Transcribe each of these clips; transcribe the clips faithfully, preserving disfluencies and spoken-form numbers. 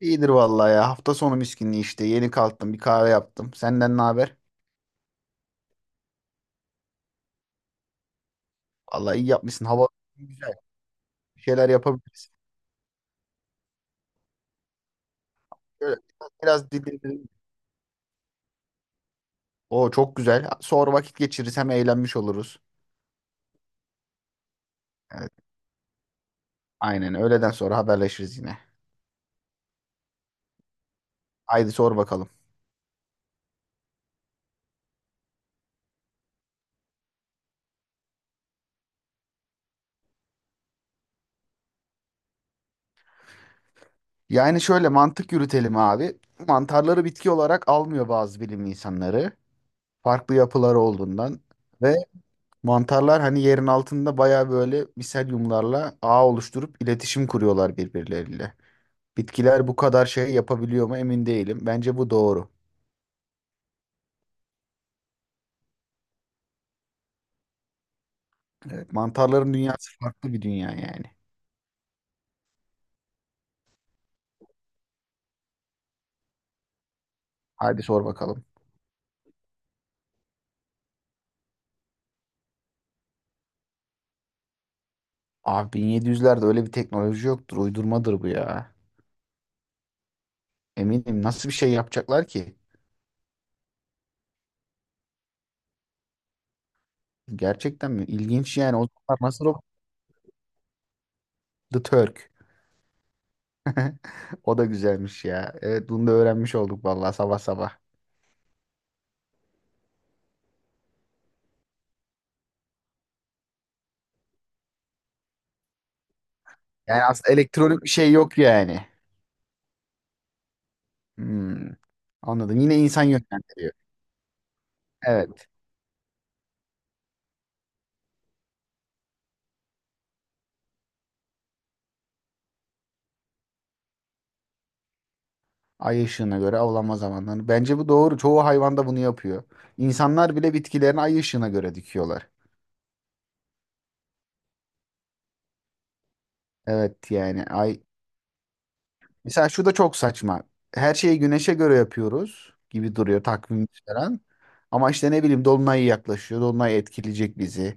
İyidir vallahi ya. Hafta sonu miskinliği işte. Yeni kalktım. Bir kahve yaptım. Senden ne haber? Vallahi iyi yapmışsın. Hava güzel. Bir şeyler yapabiliriz. Şöyle biraz dinlenelim. O çok güzel. Sonra vakit geçiririz. Hem eğlenmiş oluruz. Evet. Aynen. Öğleden sonra haberleşiriz yine. Haydi sor bakalım. Yani şöyle mantık yürütelim abi. Mantarları bitki olarak almıyor bazı bilim insanları. Farklı yapıları olduğundan. Ve mantarlar hani yerin altında baya böyle miselyumlarla ağ oluşturup iletişim kuruyorlar birbirleriyle. Bitkiler bu kadar şey yapabiliyor mu emin değilim. Bence bu doğru. Evet, mantarların dünyası farklı bir dünya yani. Hadi sor bakalım. Abi bin yedi yüzlerde öyle bir teknoloji yoktur. Uydurmadır bu ya. Eminim. Nasıl bir şey yapacaklar ki? Gerçekten mi? İlginç yani. O zamanlar nasıl o? The Turk. O da güzelmiş ya. Evet bunu da öğrenmiş olduk vallahi sabah sabah. Yani aslında elektronik bir şey yok yani. Hmm, anladım. Yine insan yönlendiriyor. Evet. Ay ışığına göre avlanma zamanları. Bence bu doğru. Çoğu hayvan da bunu yapıyor. İnsanlar bile bitkilerini ay ışığına göre dikiyorlar. Evet yani ay. Mesela şu da çok saçma. Her şeyi güneşe göre yapıyoruz gibi duruyor takvim falan. Ama işte ne bileyim dolunay yaklaşıyor. Dolunay etkileyecek bizi.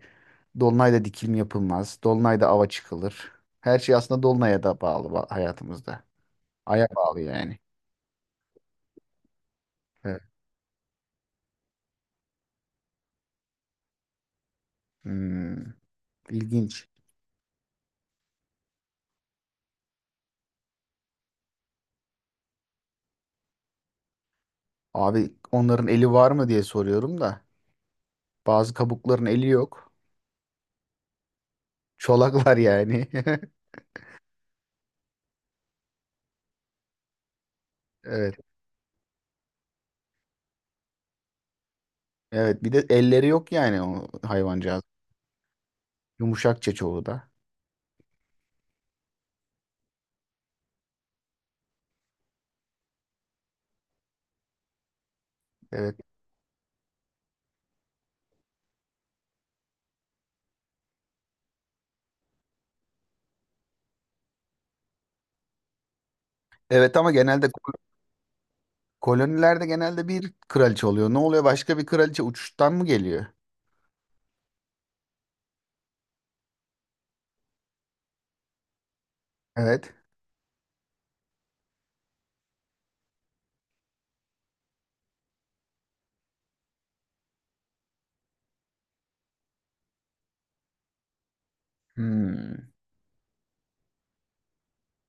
Dolunayda dikim yapılmaz. Dolunayda ava çıkılır. Her şey aslında dolunaya da bağlı ba- hayatımızda. Aya bağlı yani. Evet. Hmm, ilginç. Abi onların eli var mı diye soruyorum da. Bazı kabukların eli yok. Çolaklar yani. Evet. Evet. Bir de elleri yok yani o hayvancağız. Yumuşakça çoğu da. Evet. Evet ama genelde ko- kolonilerde genelde bir kraliçe oluyor. Ne oluyor? Başka bir kraliçe uçuştan mı geliyor? Evet. Hmm.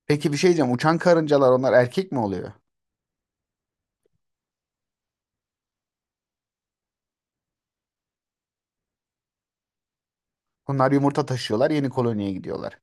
Peki bir şey diyeceğim. Uçan karıncalar onlar erkek mi oluyor? Onlar yumurta taşıyorlar, yeni koloniye gidiyorlar.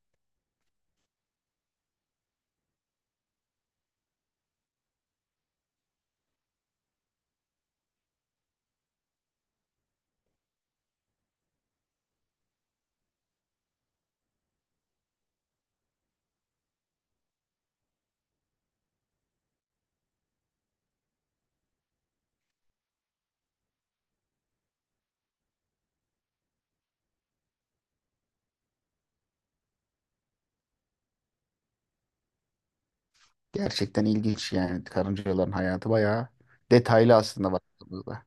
Gerçekten ilginç yani karıncaların hayatı bayağı detaylı aslında baktığımızda.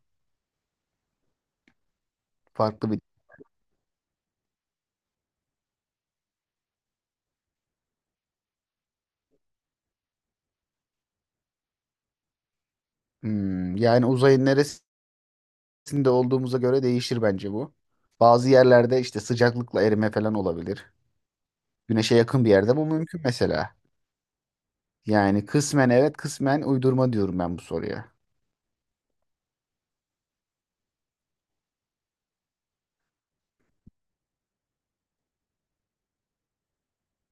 Farklı bir Hmm, yani uzayın neresi de olduğumuza göre değişir bence bu. Bazı yerlerde işte sıcaklıkla erime falan olabilir. Güneşe yakın bir yerde bu mümkün mesela. Yani kısmen evet kısmen uydurma diyorum ben bu soruya.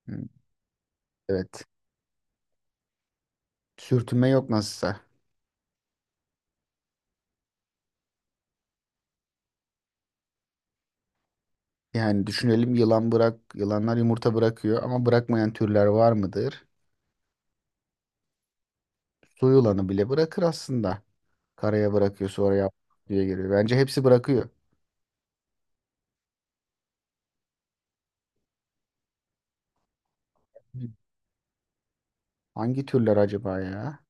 Hı. Evet. Sürtünme yok nasılsa. Yani düşünelim yılan bırak, yılanlar yumurta bırakıyor ama bırakmayan türler var mıdır? Su yılanı bile bırakır aslında. Karaya bırakıyor sonra yap diye geliyor. Bence hepsi bırakıyor. Hangi türler acaba ya?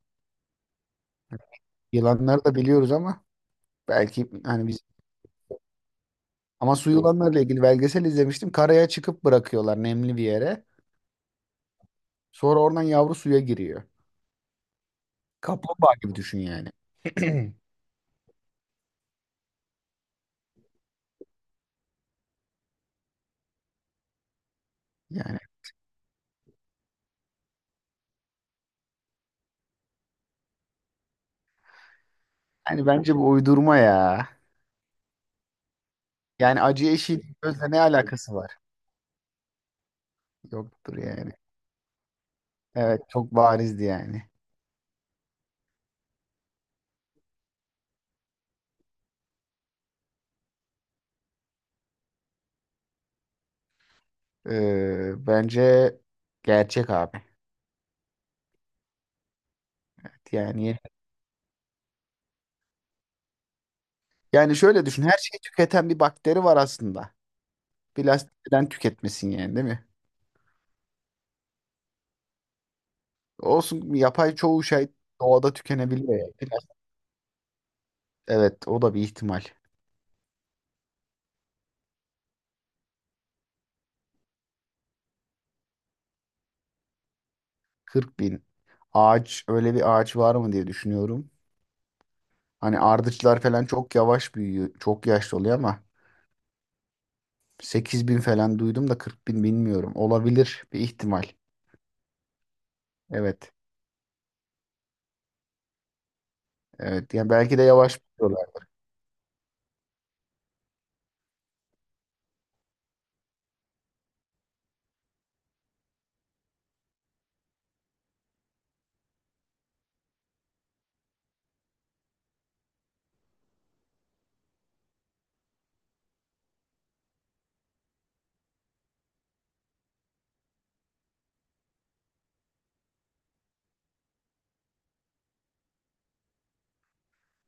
Yılanlar da biliyoruz ama belki hani. Ama su Hı. Yılanlarla ilgili belgesel izlemiştim. Karaya çıkıp bırakıyorlar nemli bir yere. Sonra oradan yavru suya giriyor. Kaplumbağa gibi düşün yani. Yani hani bence bu uydurma ya. Yani acı eşiği gözle ne alakası var? Yoktur yani. Evet çok barizdi yani. Ee, bence gerçek abi. Yani yani şöyle düşün. Her şeyi tüketen bir bakteri var aslında. Plastikten tüketmesin yani değil mi? Olsun yapay çoğu şey doğada tükenebiliyor. Yani. Plas- evet o da bir ihtimal. kırk bin ağaç öyle bir ağaç var mı diye düşünüyorum. Hani ardıçlar falan çok yavaş büyüyor. Çok yaşlı oluyor ama sekiz bin falan duydum da kırk bin bilmiyorum. Olabilir bir ihtimal. Evet. Evet. Yani belki de yavaş büyüyorlar.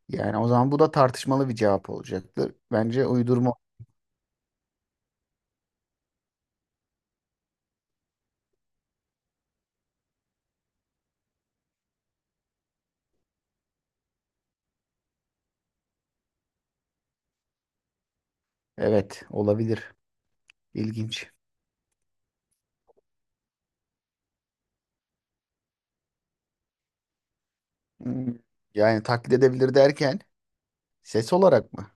Yani o zaman bu da tartışmalı bir cevap olacaktır. Bence uydurma. Evet. Olabilir. İlginç. Hmm. Yani taklit edebilir derken ses olarak mı?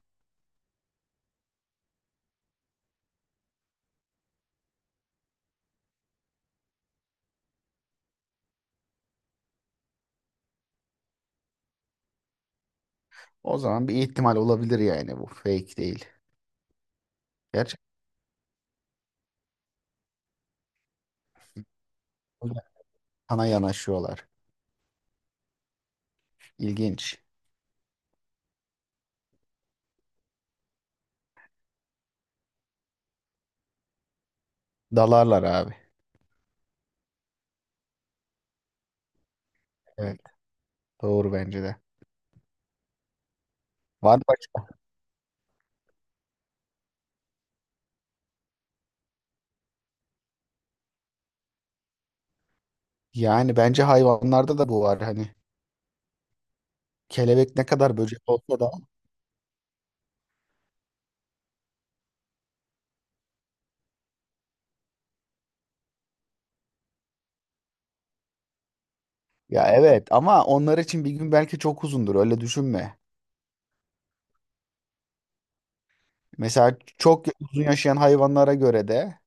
O zaman bir ihtimal olabilir yani bu fake değil. Gerçekten sana yanaşıyorlar. İlginç. Dalarlar abi. Evet, doğru bence de. Var başka. Yani bence hayvanlarda da bu var hani. Kelebek ne kadar böcek olsa da. Ya evet ama onlar için bir gün belki çok uzundur öyle düşünme. Mesela çok uzun yaşayan hayvanlara göre de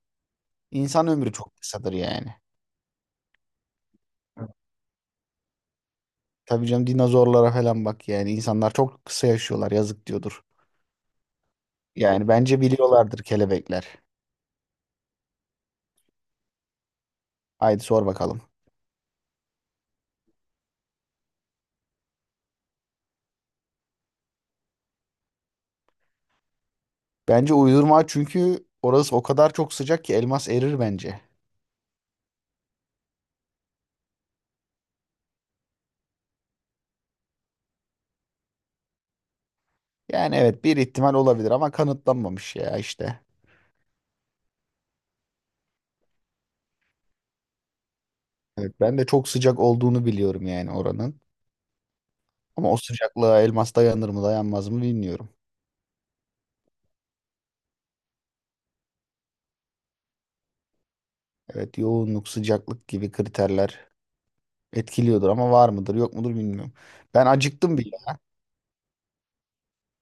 insan ömrü çok kısadır yani. Evet. Tabii canım dinozorlara falan bak yani insanlar çok kısa yaşıyorlar yazık diyordur. Yani bence biliyorlardır kelebekler. Haydi sor bakalım. Bence uydurma çünkü orası o kadar çok sıcak ki elmas erir bence. Yani evet bir ihtimal olabilir ama kanıtlanmamış ya işte. Evet ben de çok sıcak olduğunu biliyorum yani oranın. Ama o sıcaklığa elmas dayanır mı dayanmaz mı bilmiyorum. Evet yoğunluk, sıcaklık gibi kriterler etkiliyordur ama var mıdır yok mudur bilmiyorum. Ben acıktım bile.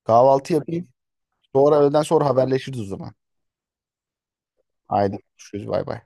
Kahvaltı yapayım. Sonra öğleden sonra haberleşiriz o zaman. Haydi görüşürüz bay bay.